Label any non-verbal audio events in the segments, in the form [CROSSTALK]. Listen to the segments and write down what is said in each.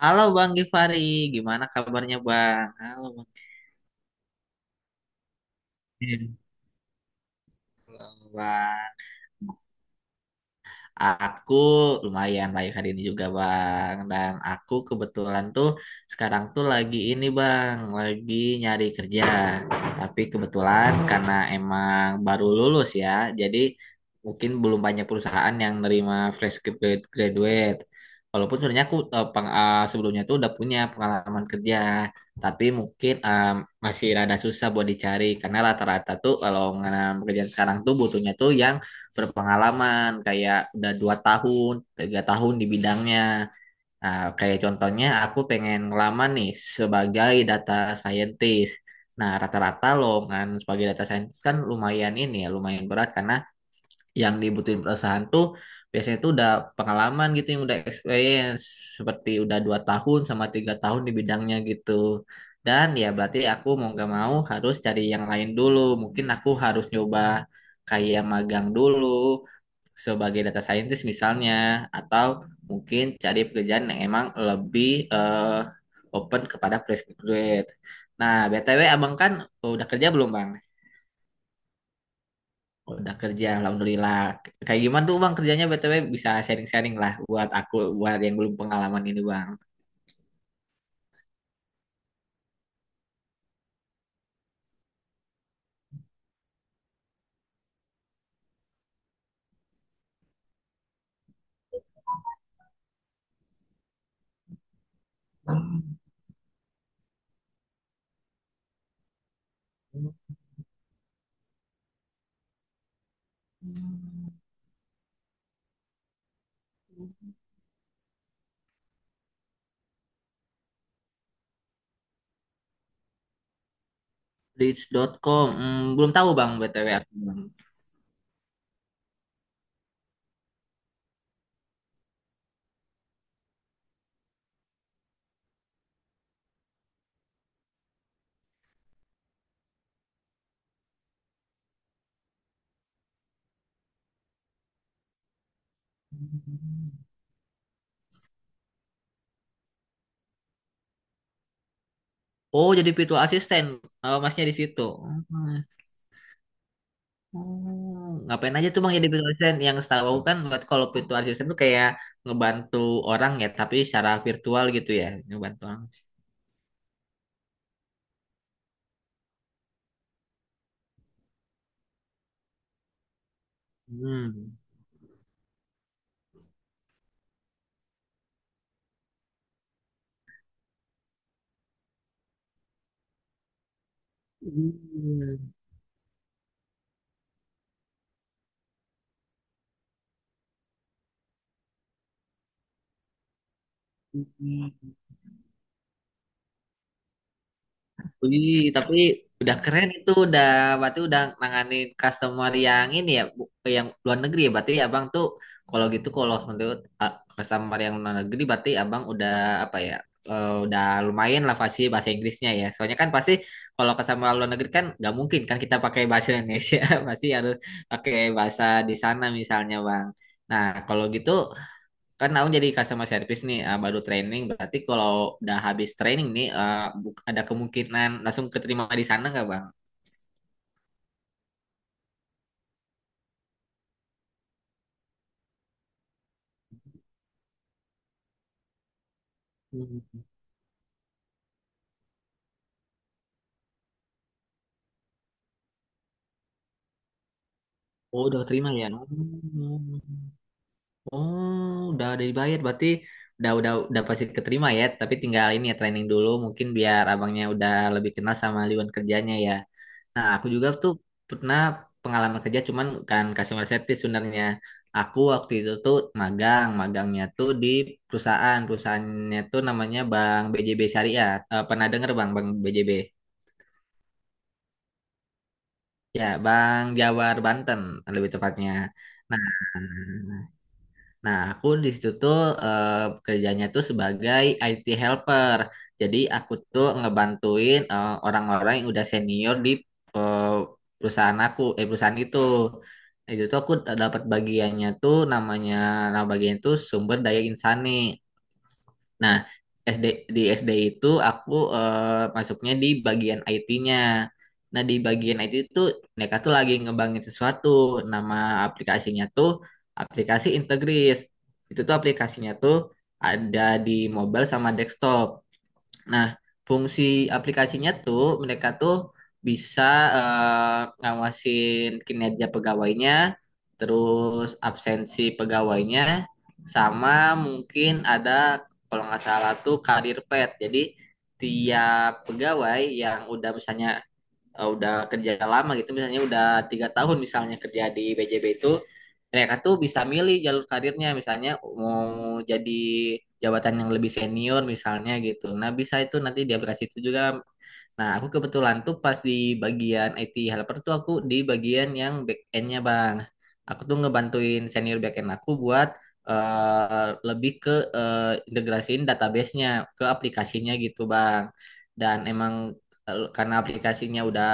Halo Bang Gifari, gimana kabarnya Bang? Halo Bang. Halo Bang. Aku lumayan baik hari ini juga Bang. Dan aku kebetulan tuh sekarang tuh lagi ini Bang, lagi nyari kerja. Tapi kebetulan karena emang baru lulus ya, jadi mungkin belum banyak perusahaan yang nerima graduate. Walaupun sebenarnya aku sebelumnya tuh udah punya pengalaman kerja, tapi mungkin masih rada susah buat dicari karena rata-rata tuh kalau mengenai pekerjaan sekarang tuh butuhnya tuh yang berpengalaman kayak udah 2 tahun 3 tahun di bidangnya. Nah, kayak contohnya aku pengen ngelamar nih sebagai data scientist. Nah, rata-rata lowongan sebagai data scientist kan lumayan ini ya lumayan berat karena yang dibutuhin perusahaan tuh biasanya tuh udah pengalaman gitu yang udah experience seperti udah 2 tahun sama 3 tahun di bidangnya gitu. Dan ya berarti aku mau gak mau harus cari yang lain dulu, mungkin aku harus nyoba kayak magang dulu sebagai data scientist misalnya, atau mungkin cari pekerjaan yang emang lebih open kepada fresh graduate. Nah, BTW abang kan udah kerja belum, Bang? Udah kerja, alhamdulillah. Kayak gimana tuh bang kerjanya BTW bisa sharing-sharing lah buat aku, buat yang belum pengalaman ini bang. Leads.com, hmm, belum tahu bang BTW aku bang. Oh jadi virtual assistant, oh, masnya di situ. Hmm. Oh, ngapain aja tuh bang jadi virtual assistant? Yang setahu aku kan buat kalau virtual assistant tuh kayak ngebantu orang ya, tapi secara virtual gitu ya, ngebantu orang. Hmm. Hmm. Wih, tapi udah keren itu udah berarti udah nanganin customer yang ini ya yang luar negeri ya berarti abang tuh. Kalau gitu kalau menurut customer yang luar negeri berarti abang udah apa ya udah lumayan lah pasti bahasa Inggrisnya ya soalnya kan pasti kalau customer luar negeri kan nggak mungkin kan kita pakai bahasa Indonesia [LAUGHS] pasti harus pakai bahasa di sana misalnya bang. Nah kalau gitu kan aku jadi customer service nih baru training berarti kalau udah habis training nih ada kemungkinan langsung keterima di sana nggak bang? Hmm. Oh udah terima ya. Oh. Oh, udah dibayar berarti udah pasti keterima ya, tapi tinggal ini ya training dulu mungkin biar abangnya udah lebih kenal sama lingkungan kerjanya ya. Nah, aku juga tuh pernah pengalaman kerja cuman bukan customer service sebenarnya. Aku waktu itu tuh magang, magangnya tuh di perusahaannya tuh namanya Bank BJB Syariah. Eh, pernah denger Bang Bank BJB? Ya, Bank Jawar Banten lebih tepatnya. Nah, Nah, aku di situ tuh eh, kerjanya tuh sebagai IT helper. Jadi aku tuh ngebantuin orang-orang yang udah senior di eh, perusahaan aku, perusahaan itu. Nah, itu tuh aku dapat bagiannya tuh namanya, nama bagian itu sumber daya insani. Nah, SD di SD itu aku masuknya di bagian IT-nya. Nah, di bagian IT itu mereka tuh lagi ngembangin sesuatu. Nama aplikasinya tuh aplikasi Integris. Itu tuh aplikasinya tuh ada di mobile sama desktop. Nah, fungsi aplikasinya tuh mereka tuh bisa ngawasin kinerja pegawainya, terus absensi pegawainya, sama mungkin ada kalau nggak salah tuh karir pet. Jadi tiap pegawai yang udah misalnya udah kerja lama gitu misalnya udah 3 tahun misalnya kerja di BJB itu mereka tuh bisa milih jalur karirnya misalnya mau jadi jabatan yang lebih senior misalnya gitu. Nah bisa itu nanti di aplikasi itu juga. Nah, aku kebetulan tuh pas di bagian IT helper tuh aku di bagian yang back end-nya, Bang. Aku tuh ngebantuin senior back end aku buat lebih ke eh, integrasiin database-nya ke aplikasinya gitu, Bang. Dan emang karena aplikasinya udah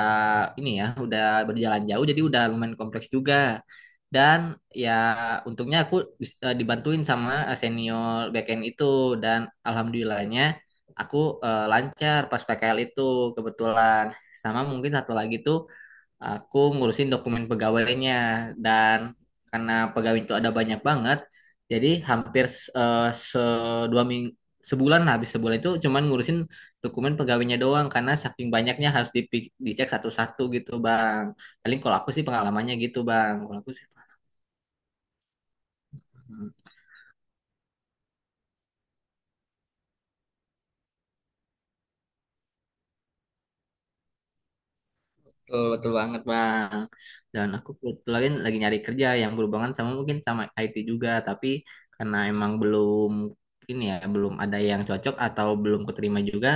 ini ya, udah berjalan jauh jadi udah lumayan kompleks juga. Dan ya untungnya aku dibantuin sama senior back end itu dan alhamdulillahnya aku lancar pas PKL itu kebetulan. Sama mungkin satu lagi tuh aku ngurusin dokumen pegawainya dan karena pegawai itu ada banyak banget jadi hampir eh, se 2 minggu sebulan lah, habis sebulan itu cuman ngurusin dokumen pegawainya doang karena saking banyaknya harus dicek satu-satu gitu bang, paling kalau aku sih pengalamannya gitu bang kalau aku sih. Betul, betul banget Bang. Dan aku kebetulan lagi nyari kerja yang berhubungan sama mungkin sama IT juga, tapi karena emang belum ini ya, belum ada yang cocok atau belum keterima juga,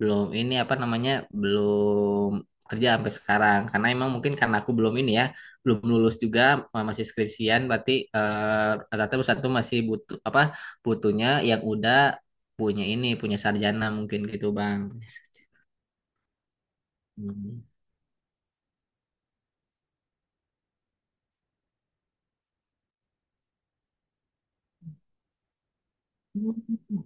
belum ini apa namanya, belum kerja sampai sekarang. Karena emang mungkin karena aku belum ini ya, belum lulus juga masih skripsian, berarti rata-rata perusahaan tuh masih butuh apa butuhnya yang udah punya ini, punya sarjana mungkin gitu Bang. Hmm.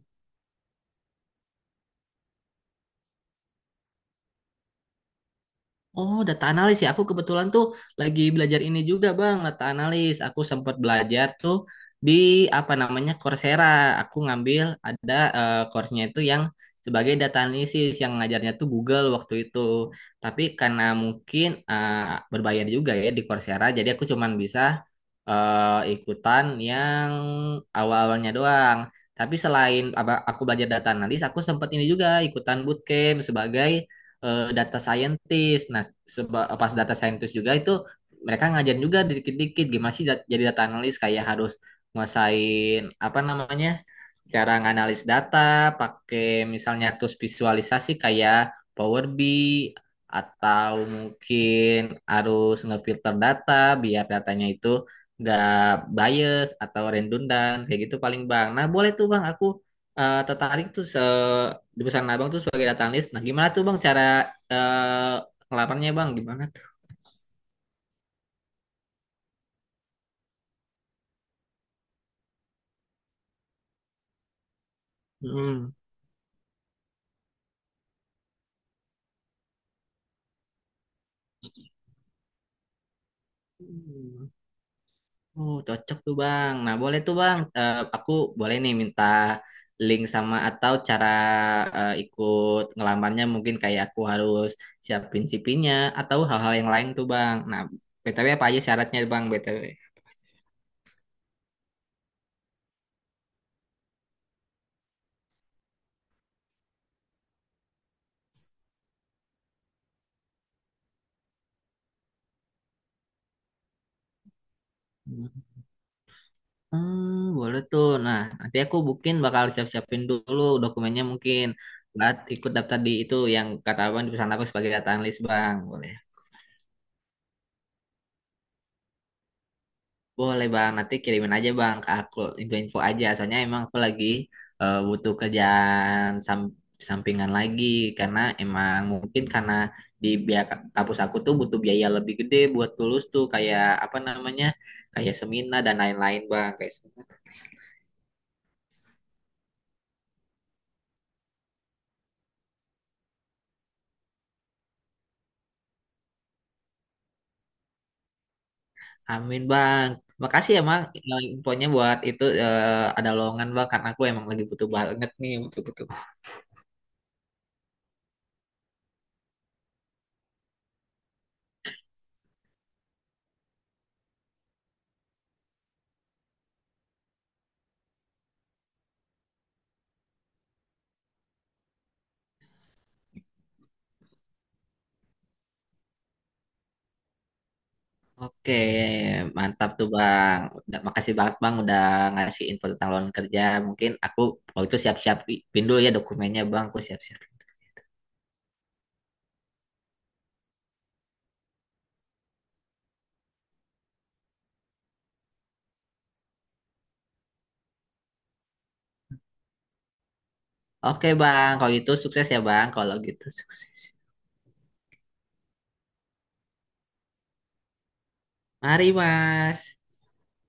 Oh, data analis ya. Aku kebetulan tuh lagi belajar ini juga, Bang, data analis. Aku sempat belajar tuh di apa namanya Coursera. Aku ngambil ada course-nya itu yang sebagai data analisis yang ngajarnya tuh Google waktu itu. Tapi karena mungkin berbayar juga ya di Coursera, jadi aku cuman bisa ikutan yang awal-awalnya doang. Tapi selain aku belajar data analis, aku sempat ini juga ikutan bootcamp sebagai data scientist. Nah, pas data scientist juga itu mereka ngajarin juga dikit-dikit gimana sih jadi data analis kayak harus nguasain apa namanya cara nganalis data pakai misalnya terus visualisasi kayak Power BI atau mungkin harus ngefilter data biar datanya itu nggak bias atau redundant kayak gitu paling bang. Nah boleh tuh bang aku tertarik tuh se di pesan abang tuh sebagai datang list. Nah, gimana tuh bang cara eh ngelamarnya bang? Gimana tuh? Hmm. Hmm. Oh, cocok tuh bang. Nah, boleh tuh bang. Eh, aku boleh nih minta link sama atau cara ikut ngelamarnya mungkin kayak aku harus siapin CV-nya atau hal-hal yang lain tuh bang. Nah, BTW apa aja syaratnya bang BTW? Hmm, boleh tuh. Nah, nanti aku mungkin bakal siap-siapin dulu dokumennya mungkin buat ikut daftar di itu yang kata abang di pesan aku sebagai data analis bang. Boleh. Boleh bang, nanti kirimin aja bang ke aku info-info aja. Soalnya emang aku lagi butuh kerjaan sampingan lagi karena emang mungkin karena di biaya kampus aku tuh butuh biaya lebih gede buat lulus tuh kayak apa namanya kayak seminar dan lain-lain bang kayak. Amin bang. Makasih ya bang infonya buat itu ada lowongan bang karena aku emang lagi butuh banget nih butuh-butuh. Oke mantap tuh bang. Udah, makasih banget bang udah ngasih info tentang lowongan kerja. Mungkin aku kalau itu siap-siap pin dulu ya dokumennya bang. Aku siap-siap. Oke bang kalau itu sukses ya bang. Kalau gitu sukses. Mari mas.